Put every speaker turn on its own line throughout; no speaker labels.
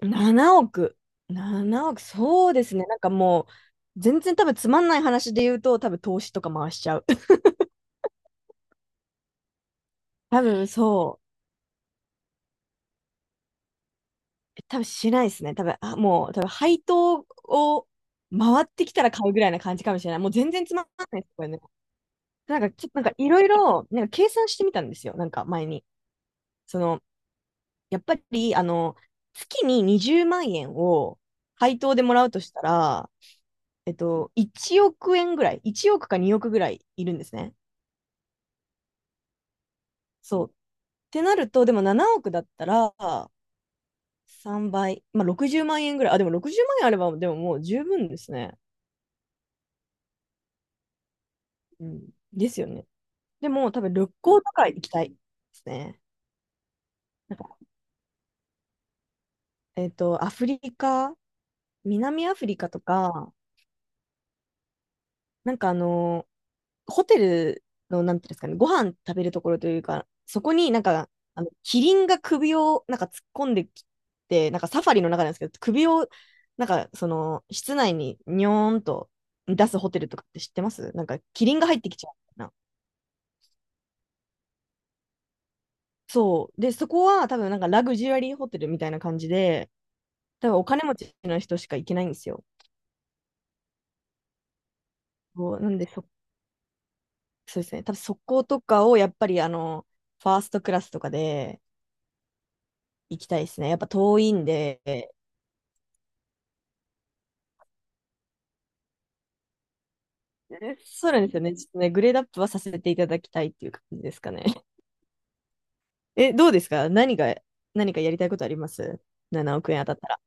7億。7億。そうですね。なんかもう、全然多分つまんない話で言うと、多分投資とか回しちゃう。多分そう。多分しないですね。多分、あ、もう、多分配当を回ってきたら買うぐらいな感じかもしれない。もう全然つまんないですよね。なんかちょっとなんかいろいろ、なんか計算してみたんですよ。なんか前に。その、やっぱり、月に20万円を配当でもらうとしたら、1億円ぐらい、1億か2億ぐらいいるんですね。そう。てなると、でも7億だったら3倍、まあ60万円ぐらい。あ、でも60万円あれば、でももう十分ですね。うん。ですよね。でも多分旅行とか行きたいですね。なんか、アフリカ、南アフリカとか、なんかあのホテルの、なんていうんですかね、ご飯食べるところというか、そこになんか、あの、キリンが首をなんか突っ込んできて、なんかサファリの中なんですけど、首を、なんか、その、室内ににょーんと出すホテルとかって知ってます？なんか、キリンが入ってきちゃうみたいな。そう。で、そこは多分なんかラグジュアリーホテルみたいな感じで、多分お金持ちの人しか行けないんですよ。そうなんでそ、そうですね。多分そことかをやっぱりあの、ファーストクラスとかで行きたいですね。やっぱ遠いんで、そうなんですよね。ちょっとね、グレードアップはさせていただきたいっていう感じですかね。どうですか？何かやりたいことあります？ 7 億円当たった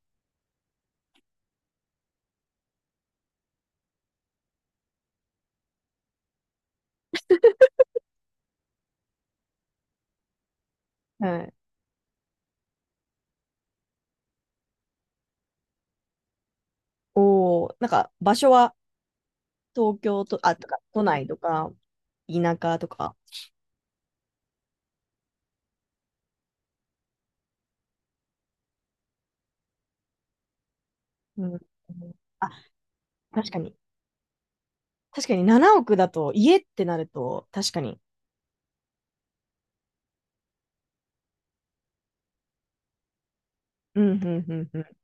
ら。はい。おー、なんか場所は東京と、あ、とか、都内とか、田舎とか。うん。あ、確かに。確かに7億だと、家ってなると、確かに。うん、うん、うん、うん。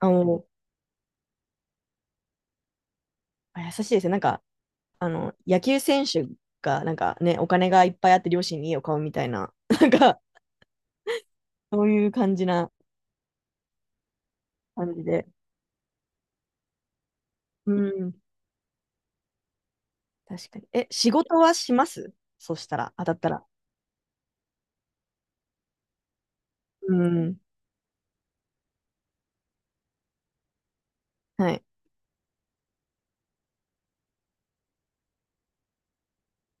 あの、あ、優しいですね。なんか、あの、野球選手が、なんかね、お金がいっぱいあって両親に家を買うみたいな、なんか、そういう感じで。うん。確かに。仕事はします？そしたら、当たったら。うん。はい。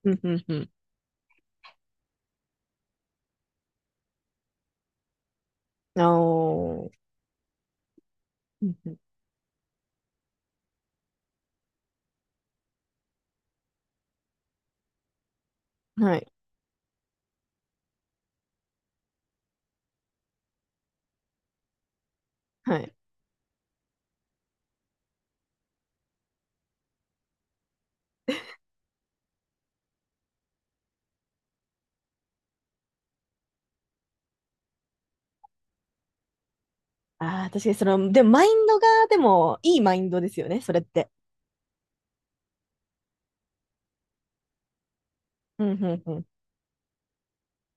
うんうんうん。あおー。うんうんはい。はい。ああ、確かにその、でもマインドが、でも、いいマインドですよね、それって。うんうんうん。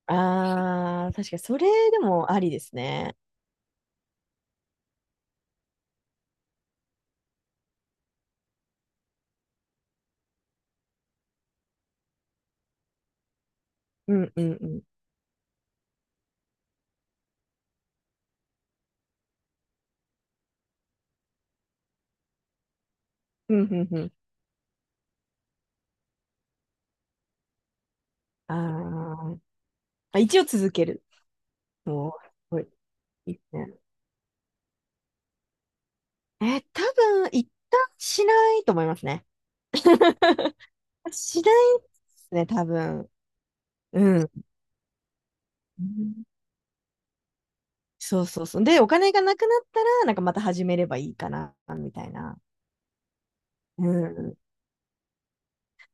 ああ、確かにそれでもありですね。うんうんうん。うんうんうん。あーあ、一応続ける。もう、すごい、いいですね。多分、一旦しないと思いますね。しないですね、多分。うん。うんそうそうそう。で、お金がなくなったら、なんかまた始めればいいかな、みたいな。うん。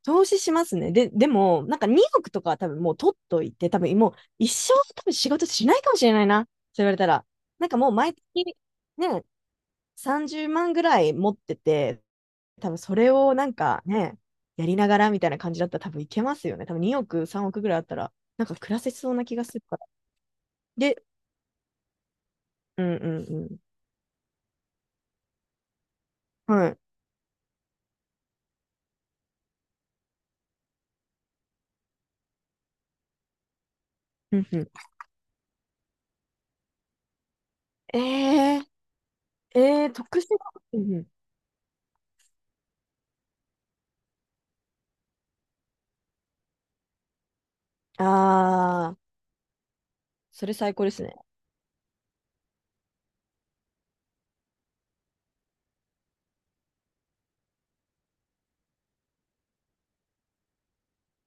投資しますね。で、でも、なんか2億とかは多分もう取っといて、多分もう一生多分仕事しないかもしれないな、そう言われたら。なんかもう毎月ね、30万ぐらい持ってて、多分それをなんかね、やりながらみたいな感じだったら多分いけますよね。多分2億、3億ぐらいあったら、なんか暮らせそうな気がするから。で、うんうんはい。うんうん。えー、特殊な。うんうん。ああ、それ最高ですね。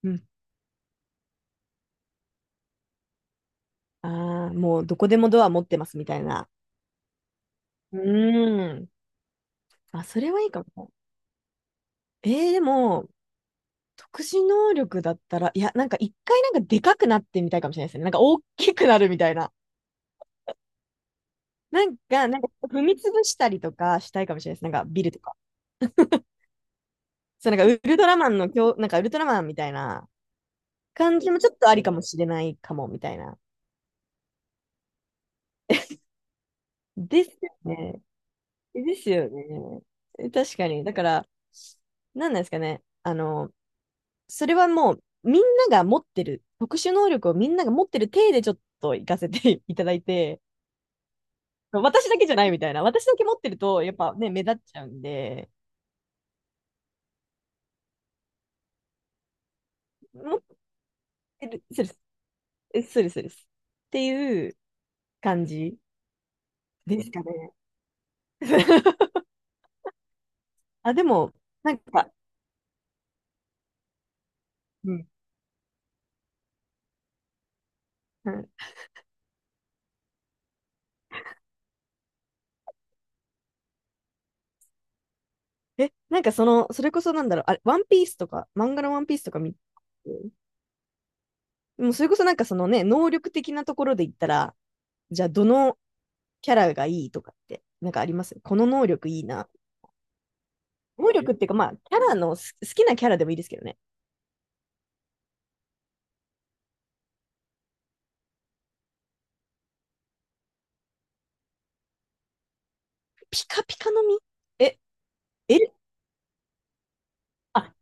うん。ああ、もうどこでもドア持ってますみたいな。うーん。あ、それはいいかも。でも、特殊能力だったら、いや、なんか一回なんかでかくなってみたいかもしれないですね。なんか大きくなるみたいな。なんか踏み潰したりとかしたいかもしれないです。なんかビルとか。そう、なんかウルトラマンの強、なんかウルトラマンみたいな感じもちょっとありかもしれないかも、みたいな。ですよね。ですよね。確かに。だから、なんなんですかね。あの、それはもう、みんなが持ってる、特殊能力をみんなが持ってる体でちょっと行かせて いただいて、私だけじゃないみたいな。私だけ持ってると、やっぱね、目立っちゃうんで、持ってる、そうです、そうです、そうです。っていう感じですかね。あ、でも、なんか、うん。うん、なんかその、それこそなんだろう、あれ、ワンピースとか、漫画のワンピースとか見て、もうそれこそなんかそのね、能力的なところで言ったら、じゃあどのキャラがいいとかって、なんかあります？この能力いいな。能力っていうか、まあ、キャラの好きなキャラでもいいですけどね。ピカピカの実。え、えあ、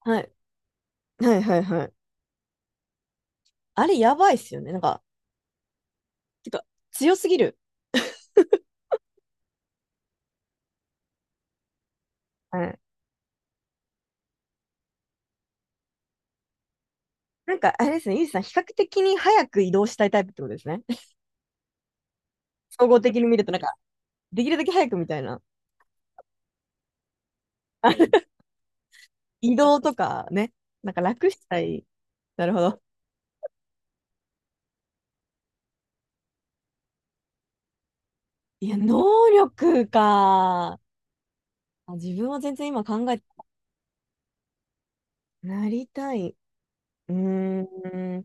はい。はいはいはい。あれやばいっすよね。なんか、てか、強すぎる。はい。なんか、あれですね、ゆうじさん、比較的に早く移動したいタイプってことですね。総合的に見ると、なんか、できるだけ早くみたいな。あの移動とかね、なんか楽したい。なるほど。いや、能力か。あ、自分は全然今考え、なりたい。うーん、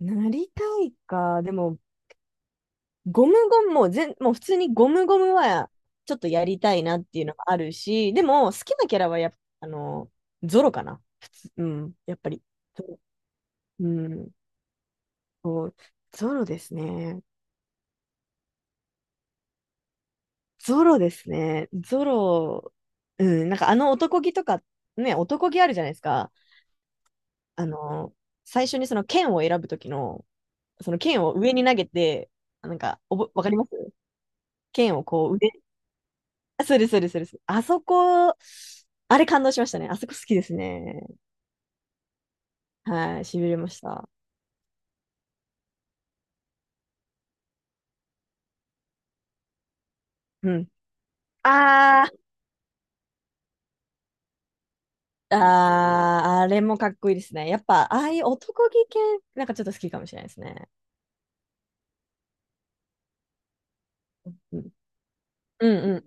なりたいか。でも、ゴムゴムも、もう普通にゴムゴムは、ちょっとやりたいなっていうのがあるし、でも、好きなキャラはやっぱ、あの、ゾロかな。うん、やっぱり。ゾロ、うん、そう、ゾロですね。ゾロですね。ゾロ、うん、なんかあの男気とか、ね、男気あるじゃないですか。あの、最初にその剣を選ぶときの、その剣を上に投げて、なんか、わかります？剣をこう上、あ、そうです、そうです、そうです。あそこ、あれ感動しましたね。あそこ好きですね。はい、しびれました。うん。ああ、ああ、あれもかっこいいですね。やっぱ、ああいう男気系、なんかちょっと好きかもしれないですね。うん、うん、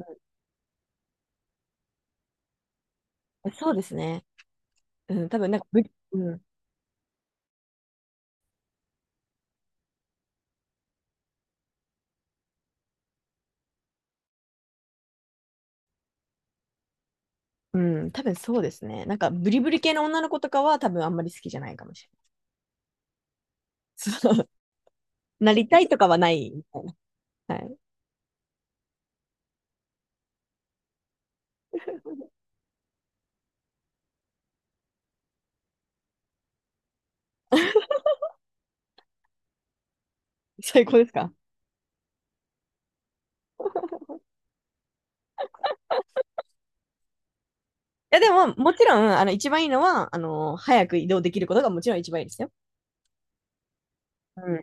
うん。そうですね。うん、多分なんかうん、うん、多分そうですね。なんか、ブリブリ系の女の子とかは多分あんまり好きじゃないかもしれない。そうなりたいとかはないみたいな。はい。最高ですか？いや、でも、もちろん、あの、一番いいのは、あの、早く移動できることがもちろん一番いいですよ。うん。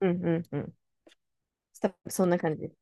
うん、うん、うん。多分そんな感じです。